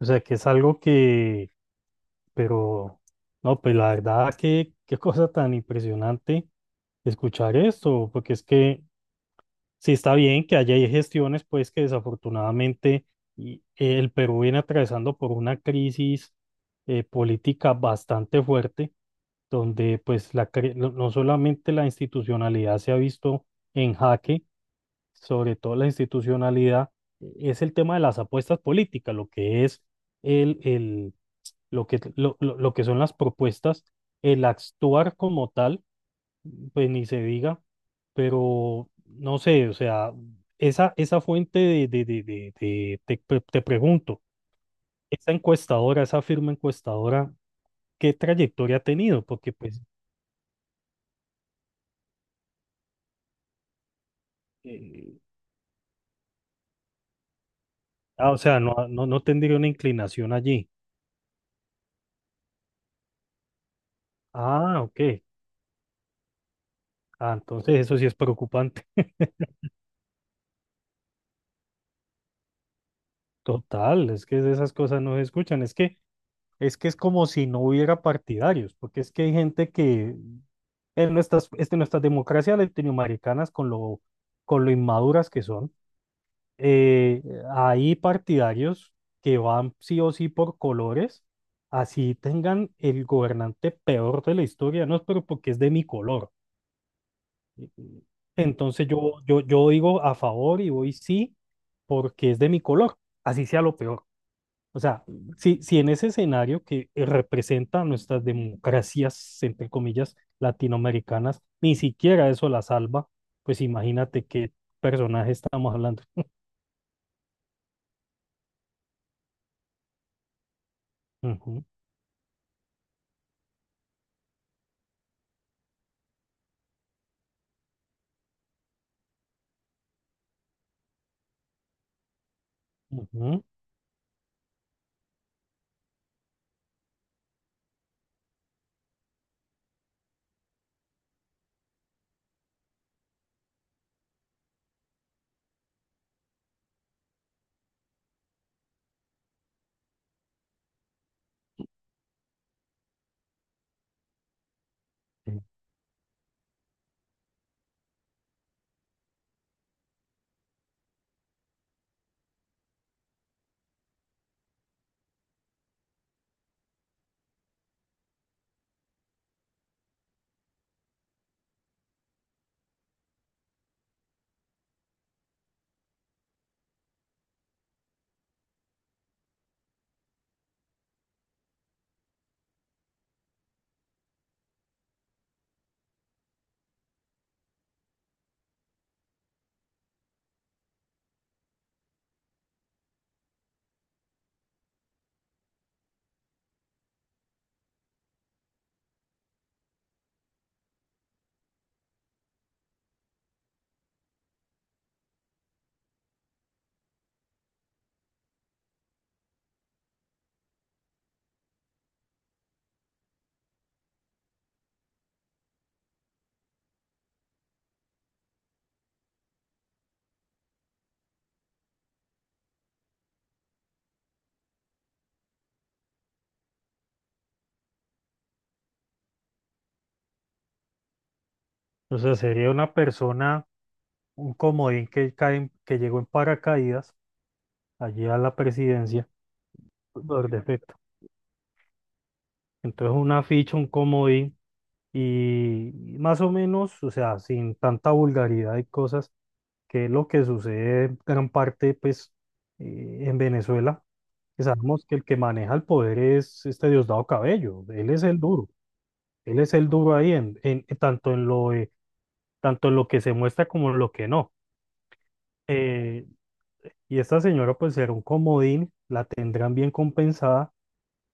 O sea, que es algo que, pero, no, pues la verdad, que qué cosa tan impresionante escuchar esto, porque es que sí está bien que haya gestiones, pues que desafortunadamente el Perú viene atravesando por una crisis política bastante fuerte, donde pues no solamente la institucionalidad se ha visto en jaque, sobre todo la institucionalidad. Es el tema de las apuestas políticas, lo que es lo que son las propuestas, el actuar como tal, pues ni se diga, pero no sé, o sea, esa fuente de te pregunto, esa encuestadora, esa firma encuestadora, ¿qué trayectoria ha tenido? Porque pues, eh, ah, o sea, no tendría una inclinación allí. Ah, ok. Ah, entonces eso sí es preocupante. Total, es que esas cosas no se escuchan. Es que es como si no hubiera partidarios, porque es que hay gente que en nuestras democracias latinoamericanas, con lo inmaduras que son, eh, hay partidarios que van sí o sí por colores, así tengan el gobernante peor de la historia, no, pero porque es de mi color. Entonces yo digo a favor y voy sí porque es de mi color, así sea lo peor. O sea, si en ese escenario que representa nuestras democracias, entre comillas, latinoamericanas, ni siquiera eso la salva, pues imagínate qué personaje estamos hablando. Ujú, ujú. Sí. O sea, sería una persona, un comodín que, cae, que llegó en paracaídas allí a la presidencia por defecto. Entonces, una ficha, un comodín, y más o menos, o sea, sin tanta vulgaridad y cosas que es lo que sucede en gran parte pues en Venezuela, que sabemos que el que maneja el poder es este Diosdado Cabello, él es el duro, él es el duro ahí tanto en tanto en lo que se muestra como en lo que no. Eh, y esta señora pues será un comodín, la tendrán bien compensada,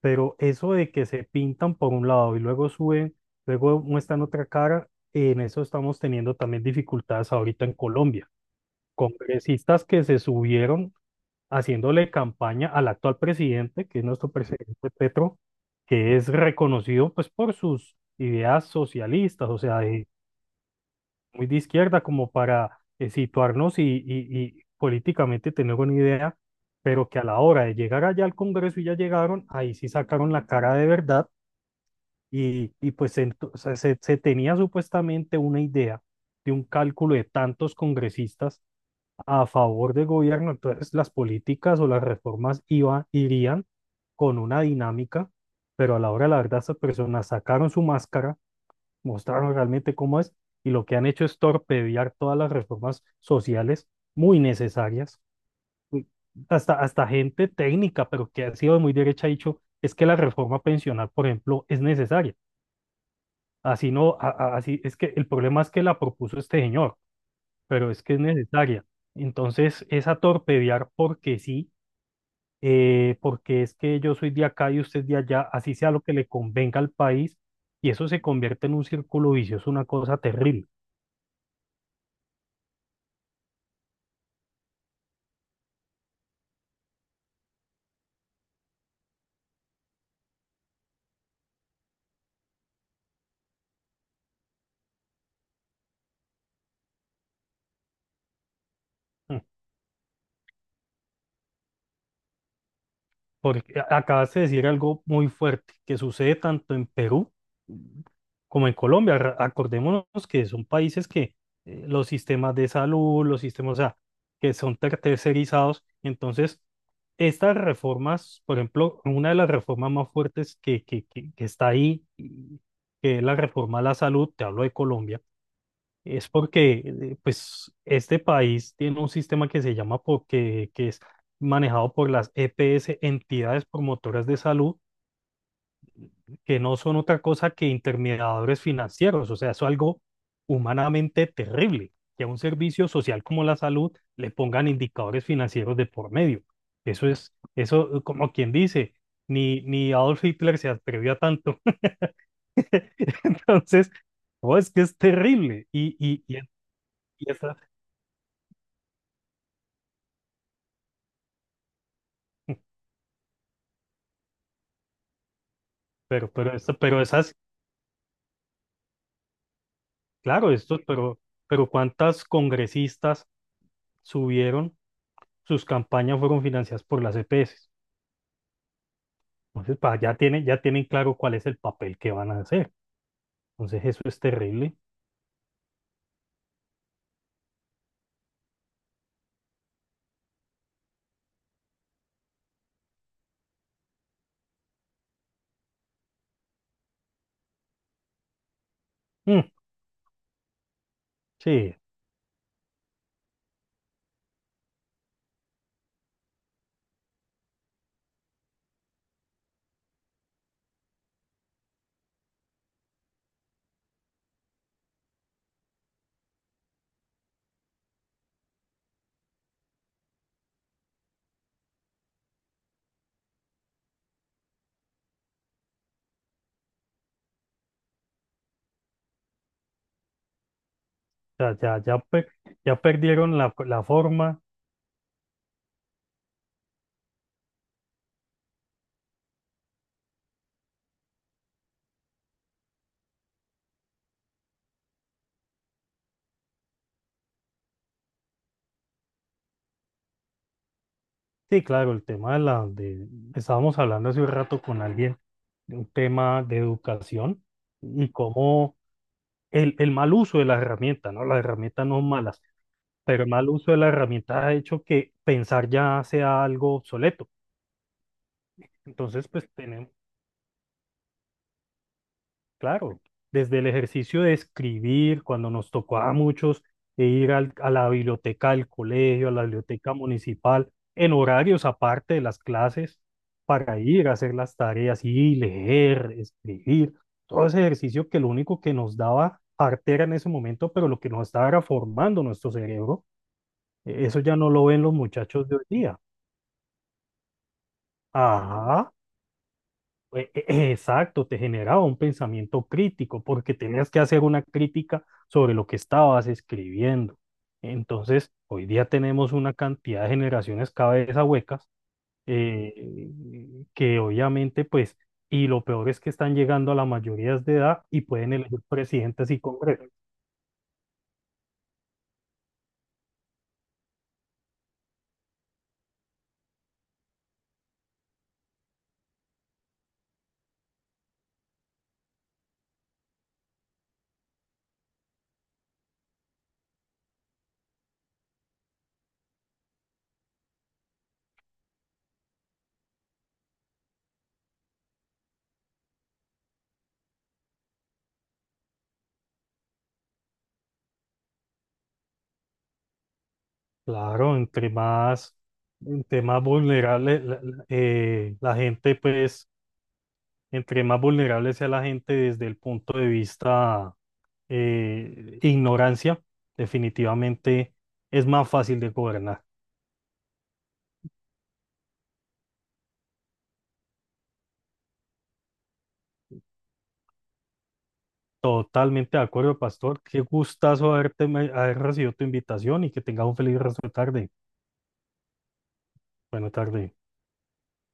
pero eso de que se pintan por un lado y luego suben, luego muestran otra cara, en eso estamos teniendo también dificultades ahorita en Colombia. Congresistas que se subieron haciéndole campaña al actual presidente, que es nuestro presidente Petro, que es reconocido pues por sus ideas socialistas, o sea, muy de izquierda como para situarnos y políticamente tener una idea, pero que a la hora de llegar allá al Congreso y ya llegaron, ahí sí sacaron la cara de verdad pues o sea, se tenía supuestamente una idea de un cálculo de tantos congresistas a favor del gobierno, entonces las políticas o las reformas irían con una dinámica, pero a la hora de la verdad estas personas sacaron su máscara, mostraron realmente cómo es y lo que han hecho es torpedear todas las reformas sociales muy necesarias. Uy, hasta gente técnica, pero que ha sido de muy derecha, ha dicho, es que la reforma pensional, por ejemplo, es necesaria. Así no, así es que el problema es que la propuso este señor pero es que es necesaria. Entonces, esa torpedear porque sí, porque es que yo soy de acá y usted de allá, así sea lo que le convenga al país, y eso se convierte en un círculo vicioso, una cosa terrible. Porque acabas de decir algo muy fuerte que sucede tanto en Perú como en Colombia. Acordémonos que son países que los sistemas de salud, los sistemas, o sea, que son tercerizados. Entonces, estas reformas, por ejemplo, una de las reformas más fuertes que está ahí, que es la reforma a la salud, te hablo de Colombia es porque, pues, este país tiene un sistema que se llama porque, que es manejado por las EPS, entidades promotoras de salud, que no son otra cosa que intermediadores financieros. O sea, es algo humanamente terrible que a un servicio social como la salud le pongan indicadores financieros de por medio. Eso es, eso, como quien dice, ni Adolf Hitler se atrevió a tanto. Entonces, no, es que es terrible. Y esa- pero, pero esas, claro, estos, pero ¿cuántas congresistas subieron? Sus campañas fueron financiadas por las EPS. Entonces, pa, ya tienen claro cuál es el papel que van a hacer. Entonces, eso es terrible. Mm, sí, ya, ya perdieron la, la forma. Sí, claro, el tema de estábamos hablando hace un rato con alguien de un tema de educación y cómo el mal uso de las herramientas, ¿no? Las herramientas no son malas pero el mal uso de la herramienta ha hecho que pensar ya sea algo obsoleto. Entonces, pues tenemos, claro, desde el ejercicio de escribir, cuando nos tocó a muchos e ir a la biblioteca del colegio, a la biblioteca municipal, en horarios aparte de las clases, para ir a hacer las tareas y leer, escribir, todo ese ejercicio que lo único que nos daba artera en ese momento, pero lo que nos estaba era formando nuestro cerebro, eso ya no lo ven los muchachos de hoy día. Ajá, pues, exacto, te generaba un pensamiento crítico porque tenías que hacer una crítica sobre lo que estabas escribiendo. Entonces, hoy día tenemos una cantidad de generaciones cabeza huecas eh, que obviamente, pues, y lo peor es que están llegando a la mayoría de edad y pueden elegir presidentes y congresos. Claro, entre más vulnerable la gente, pues, entre más vulnerable sea la gente desde el punto de vista ignorancia, definitivamente es más fácil de gobernar. Totalmente de acuerdo, pastor. Qué gustazo haberte, haber recibido tu invitación y que tengas un feliz resto de tarde. Buena tarde.